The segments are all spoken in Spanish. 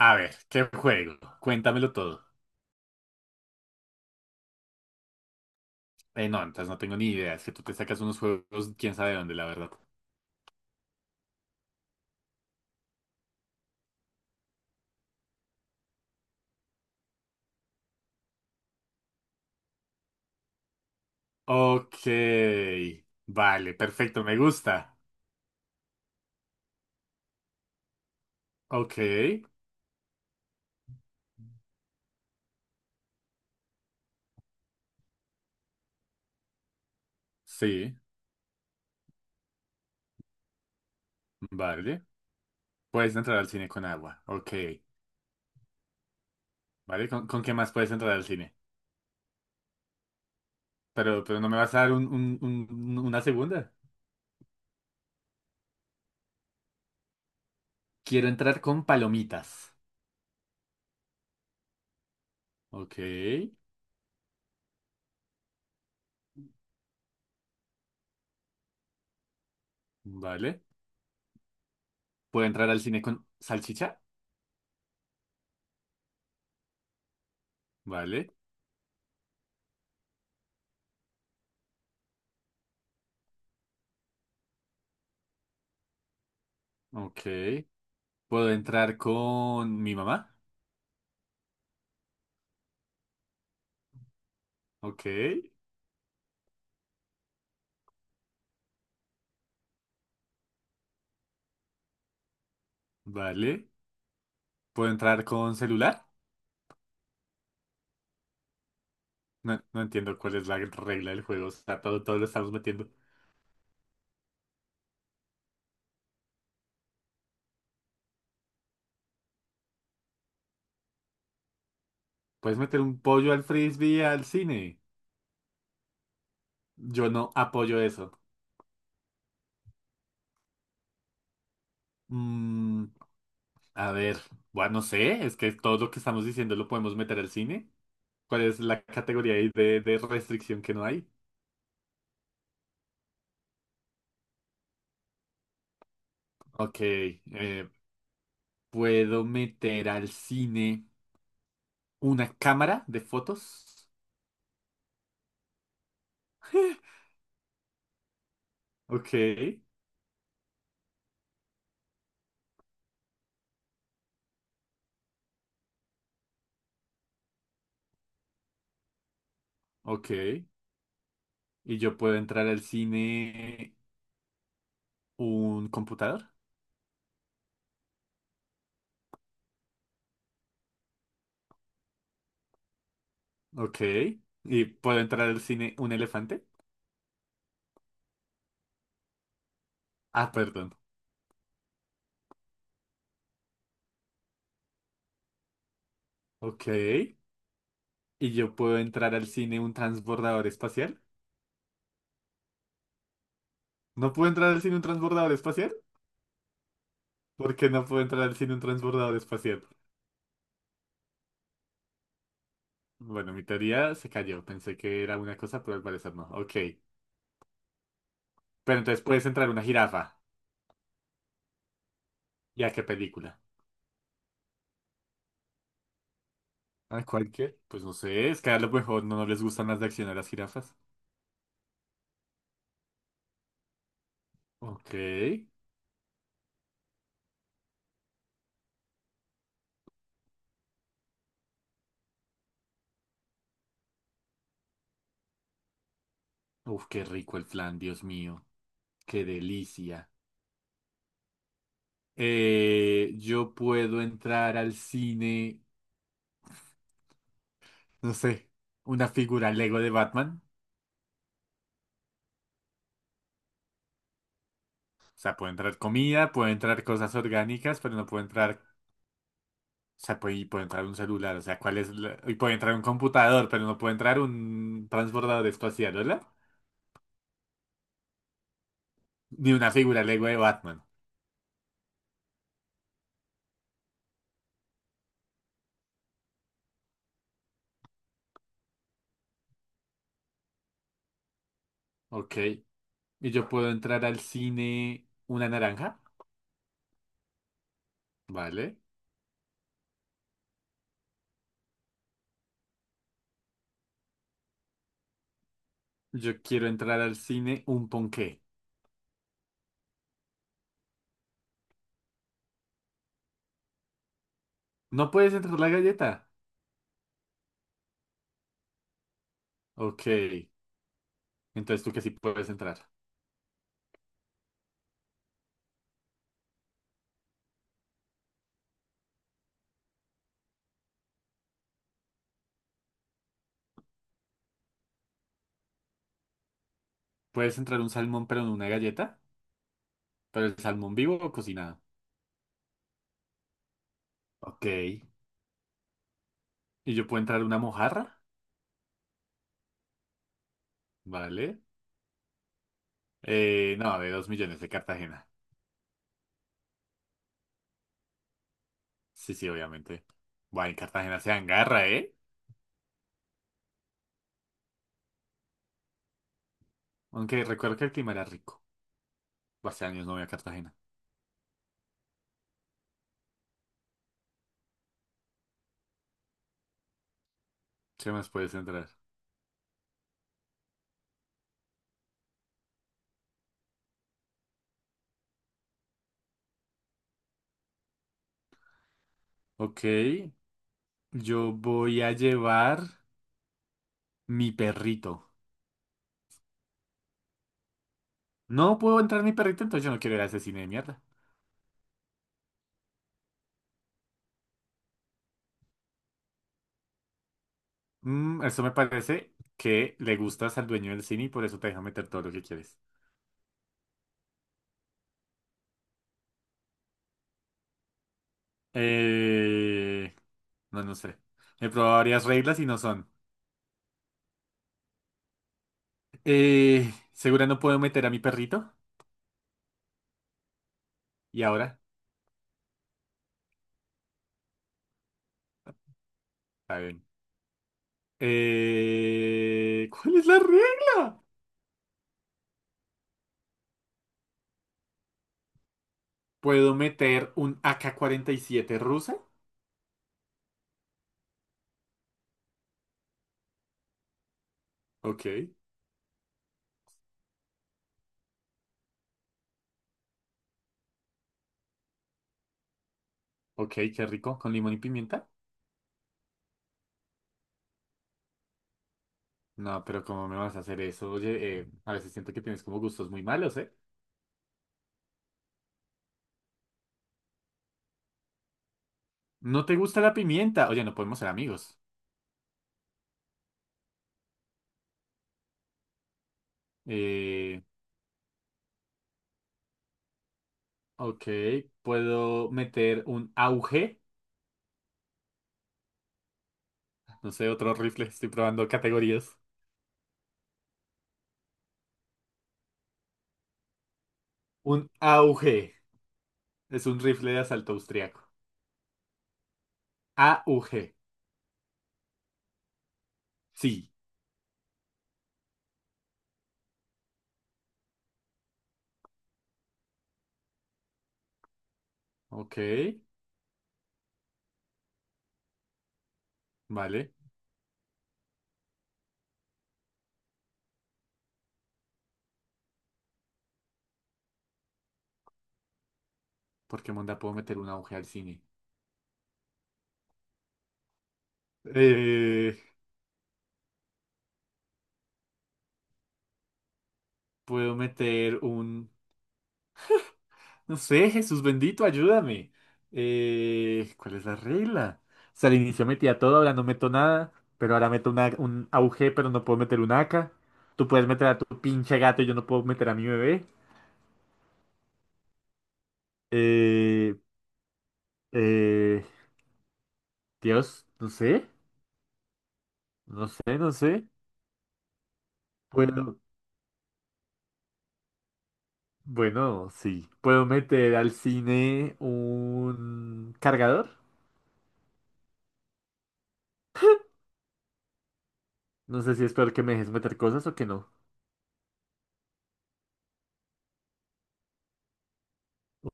A ver, ¿qué juego? Cuéntamelo todo. No, entonces no tengo ni idea. Es que tú te sacas unos juegos, quién sabe dónde, la verdad. Ok. Vale, perfecto, me gusta. Ok. Sí, vale. Puedes entrar al cine con agua. Ok. Vale, ¿con qué más puedes entrar al cine? Pero no me vas a dar una segunda. Quiero entrar con palomitas. Ok. Vale. ¿Puedo entrar al cine con salchicha? Vale. Ok. ¿Puedo entrar con mi mamá? Ok, vale. ¿Puedo entrar con celular? No, no entiendo cuál es la regla del juego. O sea, todo, todo lo estamos metiendo. ¿Puedes meter un pollo al frisbee al cine? Yo no apoyo eso. Mm, a ver, bueno, no sé, es que todo lo que estamos diciendo lo podemos meter al cine. ¿Cuál es la categoría ahí de restricción que no hay? Ok, ¿puedo meter al cine una cámara de fotos? Ok, ok. Y yo puedo entrar al cine. ¿Un computador? Ok. ¿Y puedo entrar al cine un elefante? Ah, perdón. Ok. ¿Y yo puedo entrar al cine un transbordador espacial? ¿No puedo entrar al cine un transbordador espacial? ¿Por qué no puedo entrar al cine un transbordador espacial? Bueno, mi teoría se cayó. Pensé que era una cosa, pero al parecer no. Ok. Pero entonces puedes entrar una jirafa. ¿Y a qué película? ¿A cualquier? Pues no sé, es que a lo mejor no, no les gustan las de acción a las jirafas. Ok. Uf, qué rico el flan, Dios mío. Qué delicia. Yo puedo entrar al cine, no sé, una figura Lego de Batman. O sea, puede entrar comida, puede entrar cosas orgánicas, pero no puede entrar, o sea, puede, y puede entrar un celular, o sea, ¿cuál es y puede entrar un computador, pero no puede entrar un transbordador espacial, ¿verdad? Ni una figura Lego de Batman. Ok. Y yo puedo entrar al cine una naranja, ¿vale? Yo quiero entrar al cine un ponqué. No puedes entrar la galleta. Ok. Entonces tú que sí puedes entrar. Puedes entrar un salmón, pero en una galleta. Pero el salmón vivo o cocinado. Ok. Y yo puedo entrar una mojarra, ¿vale? No, de 2.000.000 de Cartagena. Sí, sí, obviamente. Bueno, en Cartagena se angarra, ¿eh? Aunque recuerdo que el clima era rico. Hace años no voy a Cartagena. ¿Qué más puedes entrar? Ok, yo voy a llevar mi perrito. No puedo entrar mi perrito, entonces yo no quiero ir a ese cine de mierda. Mm, eso me parece que le gustas al dueño del cine y por eso te deja meter todo lo que quieres. Eh, no, no sé. He probado varias reglas y no son. ¿Segura no puedo meter a mi perrito? Y ahora, está bien. ¿Cuál es la regla? ¿Puedo meter un AK7 rusa? Ok, ok, qué rico, con limón y pimienta. No, pero ¿cómo me vas a hacer eso? Oye, a veces siento que tienes como gustos muy malos, ¿eh? ¿No te gusta la pimienta? Oye, no podemos ser amigos. Eh, ok, ¿puedo meter un auge? No sé, otro rifle. Estoy probando categorías. Un AUG. Es un rifle de asalto austriaco. AUG. Sí. Ok. Vale. ¿Por qué monda puedo meter un AUG al cine? Eh, Puedo meter un... No sé, Jesús bendito, ayúdame. ¿Cuál es la regla? O sea, al inicio metía todo, ahora no meto nada. Pero ahora meto un AUG, pero no puedo meter un AK. Tú puedes meter a tu pinche gato y yo no puedo meter a mi bebé. Eh, eh, Dios, no sé, no sé, no sé. Puedo, bueno, sí. Puedo meter al cine un cargador. No sé si es peor que me dejes meter cosas o que no.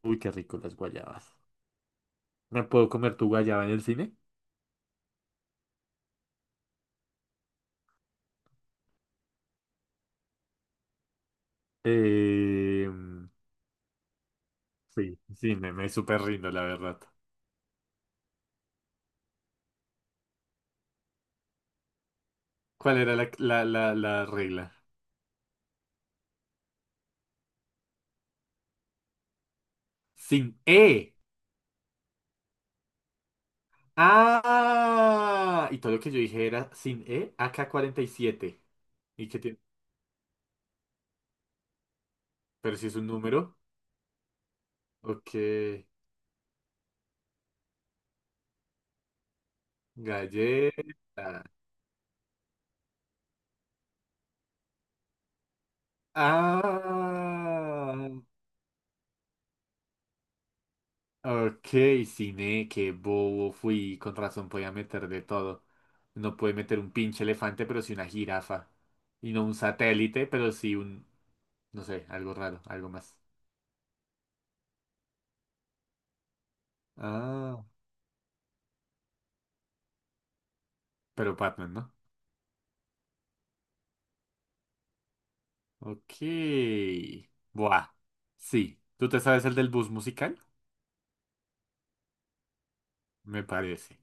Uy, qué rico las guayabas. ¿Me puedo comer tu guayaba en el cine? Eh, sí, sí, me súper rindo, la verdad. ¿Cuál era la regla? Sin E. Ah, y todo lo que yo dije era sin E, AK47. ¿Y qué tiene? Pero si es un número. Ok, galleta. Ah, ok, cine, qué bobo fui. Con razón podía meter de todo. No puede meter un pinche elefante, pero sí una jirafa. Y no un satélite, pero sí un, no sé, algo raro, algo más. Ah, pero Batman, ¿no? Ok. Buah. Sí. ¿Tú te sabes el del bus musical? Me parece.